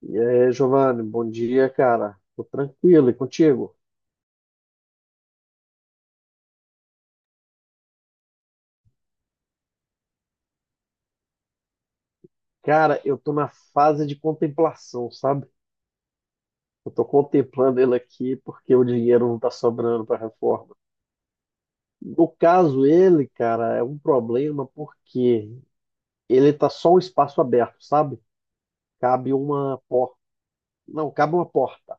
E aí, Giovanni, bom dia, cara. Tô tranquilo e contigo? Cara, eu tô na fase de contemplação, sabe? Eu tô contemplando ele aqui porque o dinheiro não tá sobrando para reforma. No caso, ele, cara, é um problema porque ele tá só um espaço aberto, sabe? Cabe uma porta. Não, cabe uma porta.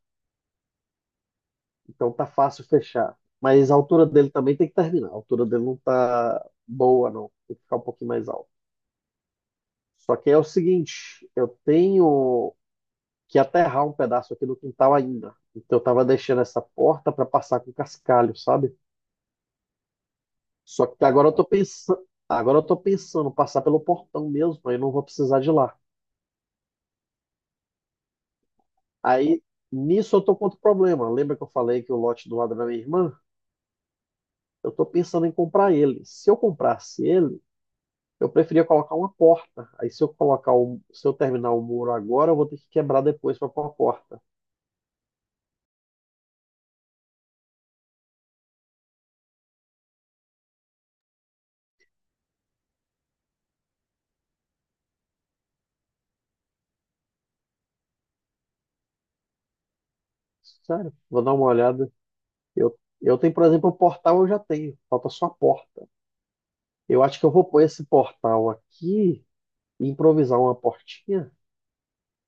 Então tá fácil fechar. Mas a altura dele também tem que terminar. A altura dele não tá boa, não. Tem que ficar um pouquinho mais alto. Só que é o seguinte, eu tenho que aterrar um pedaço aqui do quintal ainda. Então eu tava deixando essa porta para passar com cascalho, sabe? Só que agora eu tô pensando, agora eu tô pensando em passar pelo portão mesmo, aí não vou precisar de lá. Aí nisso eu tô com outro problema. Lembra que eu falei que o lote do lado da minha irmã? Eu tô pensando em comprar ele. Se eu comprasse ele, eu preferia colocar uma porta. Aí se eu colocar o, se eu terminar o muro agora, eu vou ter que quebrar depois para pôr a porta. Sério, vou dar uma olhada. Eu tenho, por exemplo, o portal eu já tenho, falta só a porta. Eu acho que eu vou pôr esse portal aqui e improvisar uma portinha,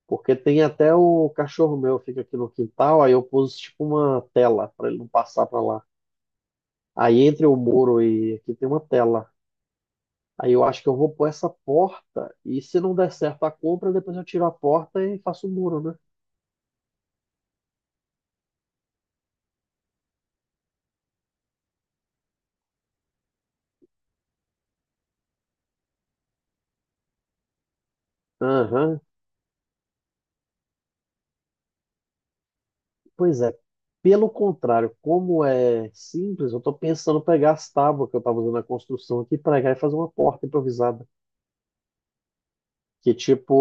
porque tem até o cachorro meu fica aqui no quintal, aí eu pus tipo uma tela para ele não passar para lá. Aí entre o muro e aqui tem uma tela. Aí eu acho que eu vou pôr essa porta e se não der certo a compra, depois eu tiro a porta e faço o muro, né? Aham, pois é. Pelo contrário, como é simples, eu estou pensando em pegar as tábuas que eu estava usando na construção aqui, pregar e fazer uma porta improvisada. Que tipo,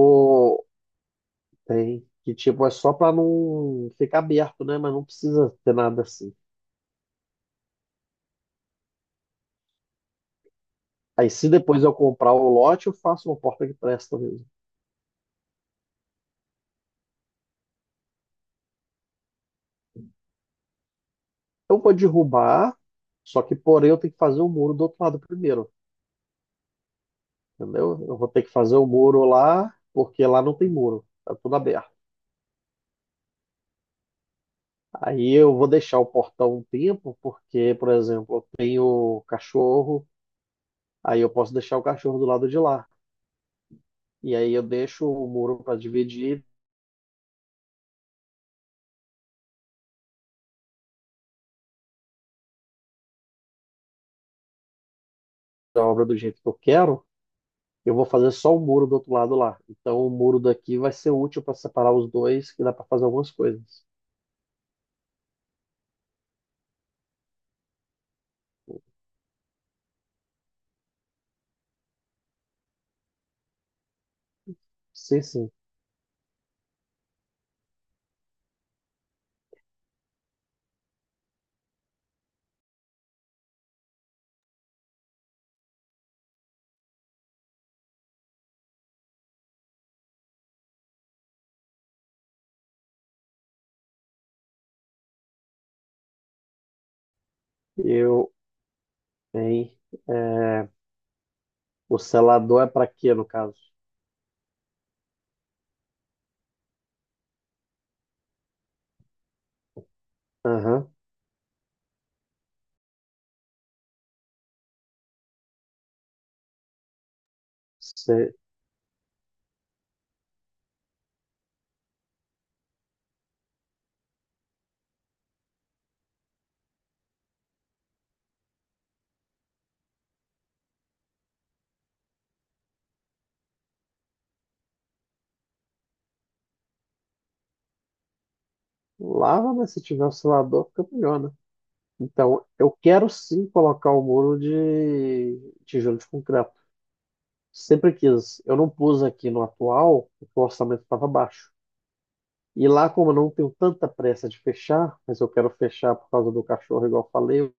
tem. Que tipo, é só pra não ficar aberto, né? Mas não precisa ter nada assim. Aí se depois eu comprar o lote, eu faço uma porta que presta mesmo. Eu vou derrubar, só que porém eu tenho que fazer o muro do outro lado primeiro, entendeu? Eu vou ter que fazer o muro lá, porque lá não tem muro, tá tudo aberto. Aí eu vou deixar o portão um tempo, porque, por exemplo, eu tenho cachorro, aí eu posso deixar o cachorro do lado de lá. E aí eu deixo o muro para dividir a obra do jeito que eu quero, eu vou fazer só o muro do outro lado lá. Então o muro daqui vai ser útil para separar os dois, que dá para fazer algumas coisas. Sim, sim. Eu, hein? É, o selador é para quê, no caso? Aham. Você lava, mas se tiver o selador, fica melhor, né? Então, eu quero sim colocar o muro de tijolo de concreto. Sempre quis. Eu não pus aqui no atual, porque o orçamento estava baixo. E lá, como eu não tenho tanta pressa de fechar, mas eu quero fechar por causa do cachorro, igual eu falei,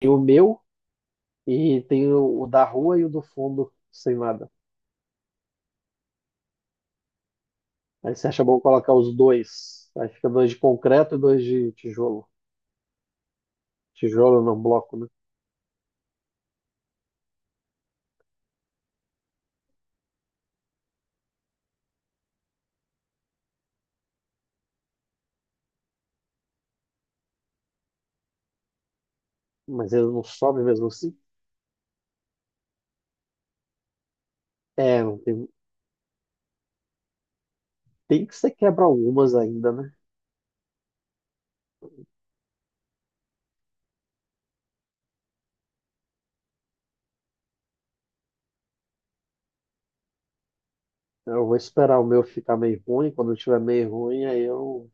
tem o meu e tem o da rua e o do fundo sem nada. Aí você acha bom colocar os dois. Aí fica dois de concreto e dois de tijolo. Tijolo não bloco, né? Mas eles não sobem mesmo assim. É, não tem, tem que você quebra algumas ainda, né? Eu vou esperar o meu ficar meio ruim. Quando tiver meio ruim, aí eu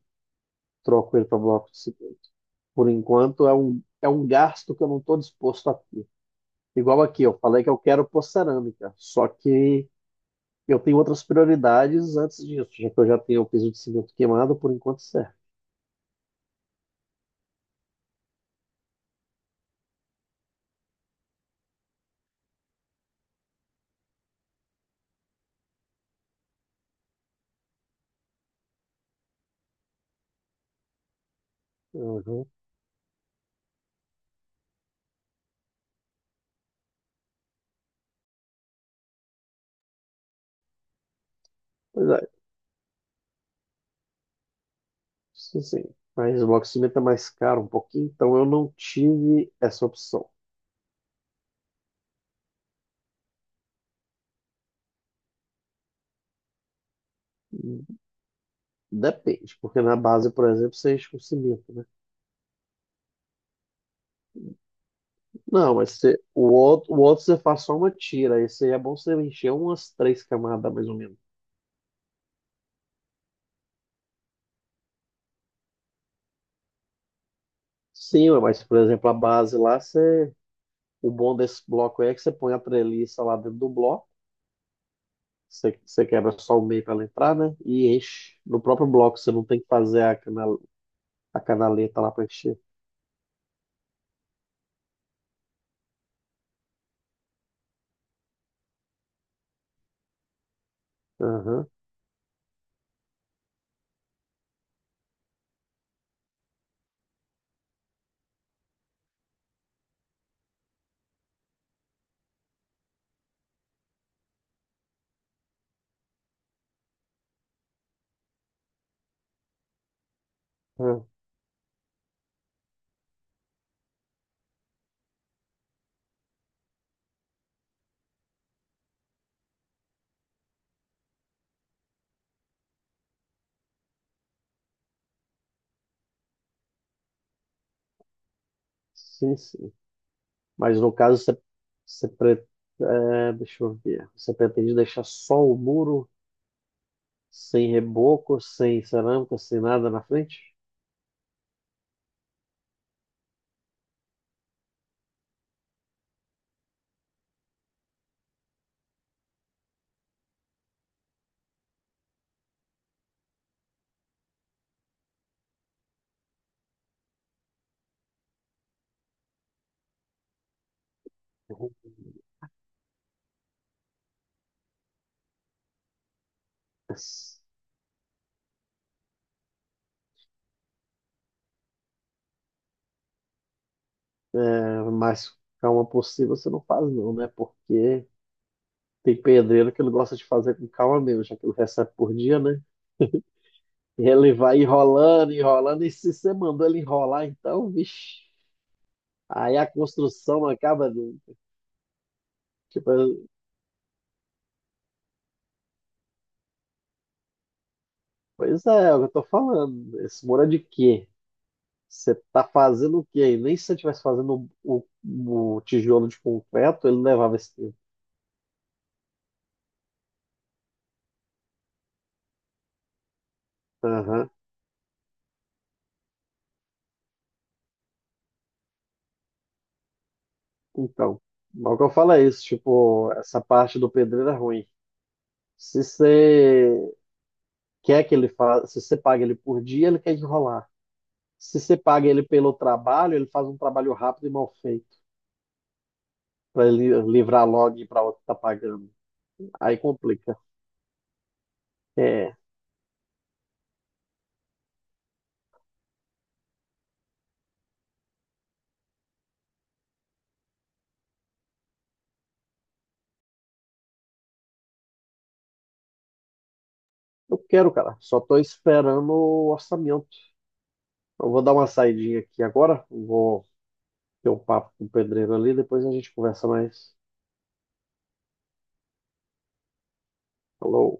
troco ele para bloco de cimento. Por enquanto, é um gasto que eu não estou disposto a ter. Igual aqui, eu falei que eu quero pôr cerâmica, só que eu tenho outras prioridades antes disso, já que eu já tenho o piso de cimento queimado, por enquanto serve. Uhum. Pois é, sim, sim. Mas o bloco de cimento é mais caro um pouquinho, então eu não tive essa opção. Depende, porque na base, por exemplo, você enche com cimento, né? Não, mas você, o outro você faz só uma tira, esse aí é bom você encher umas três camadas, mais ou menos. Sim, mas, por exemplo, a base lá, você, o bom desse bloco é que você põe a treliça lá dentro do bloco. Você, você quebra só o meio para ela entrar, né? E enche no próprio bloco. Você não tem que fazer a, canal, a canaleta lá para encher. Aham. Ah, sim, sim. Mas no caso, você, você pre- é, deixa eu ver. Você pretende deixar só o muro, sem reboco, sem cerâmica, sem nada na frente? Uhum. É, mas calma possível você não faz, não, né? Porque tem pedreiro que ele gosta de fazer com calma mesmo, já que ele recebe por dia, né? E ele vai enrolando, enrolando, e se você mandou ele enrolar, então, vixe, aí a construção não acaba nunca. Tipo, pois é, é o que eu tô falando. Esse muro é de quê? Você tá fazendo o quê? E nem se você estivesse fazendo o tijolo de concreto, ele levava esse tempo. Aham. Então, logo que eu falo é isso, tipo, essa parte do pedreiro é ruim. Se você quer que ele faça, se você paga ele por dia, ele quer enrolar. Se você paga ele pelo trabalho, ele faz um trabalho rápido e mal feito. Para livrar logo e para outro que tá pagando. Aí complica. É, eu quero, cara. Só tô esperando o orçamento. Eu vou dar uma saidinha aqui agora. Vou ter um papo com o pedreiro ali, depois a gente conversa mais. Falou.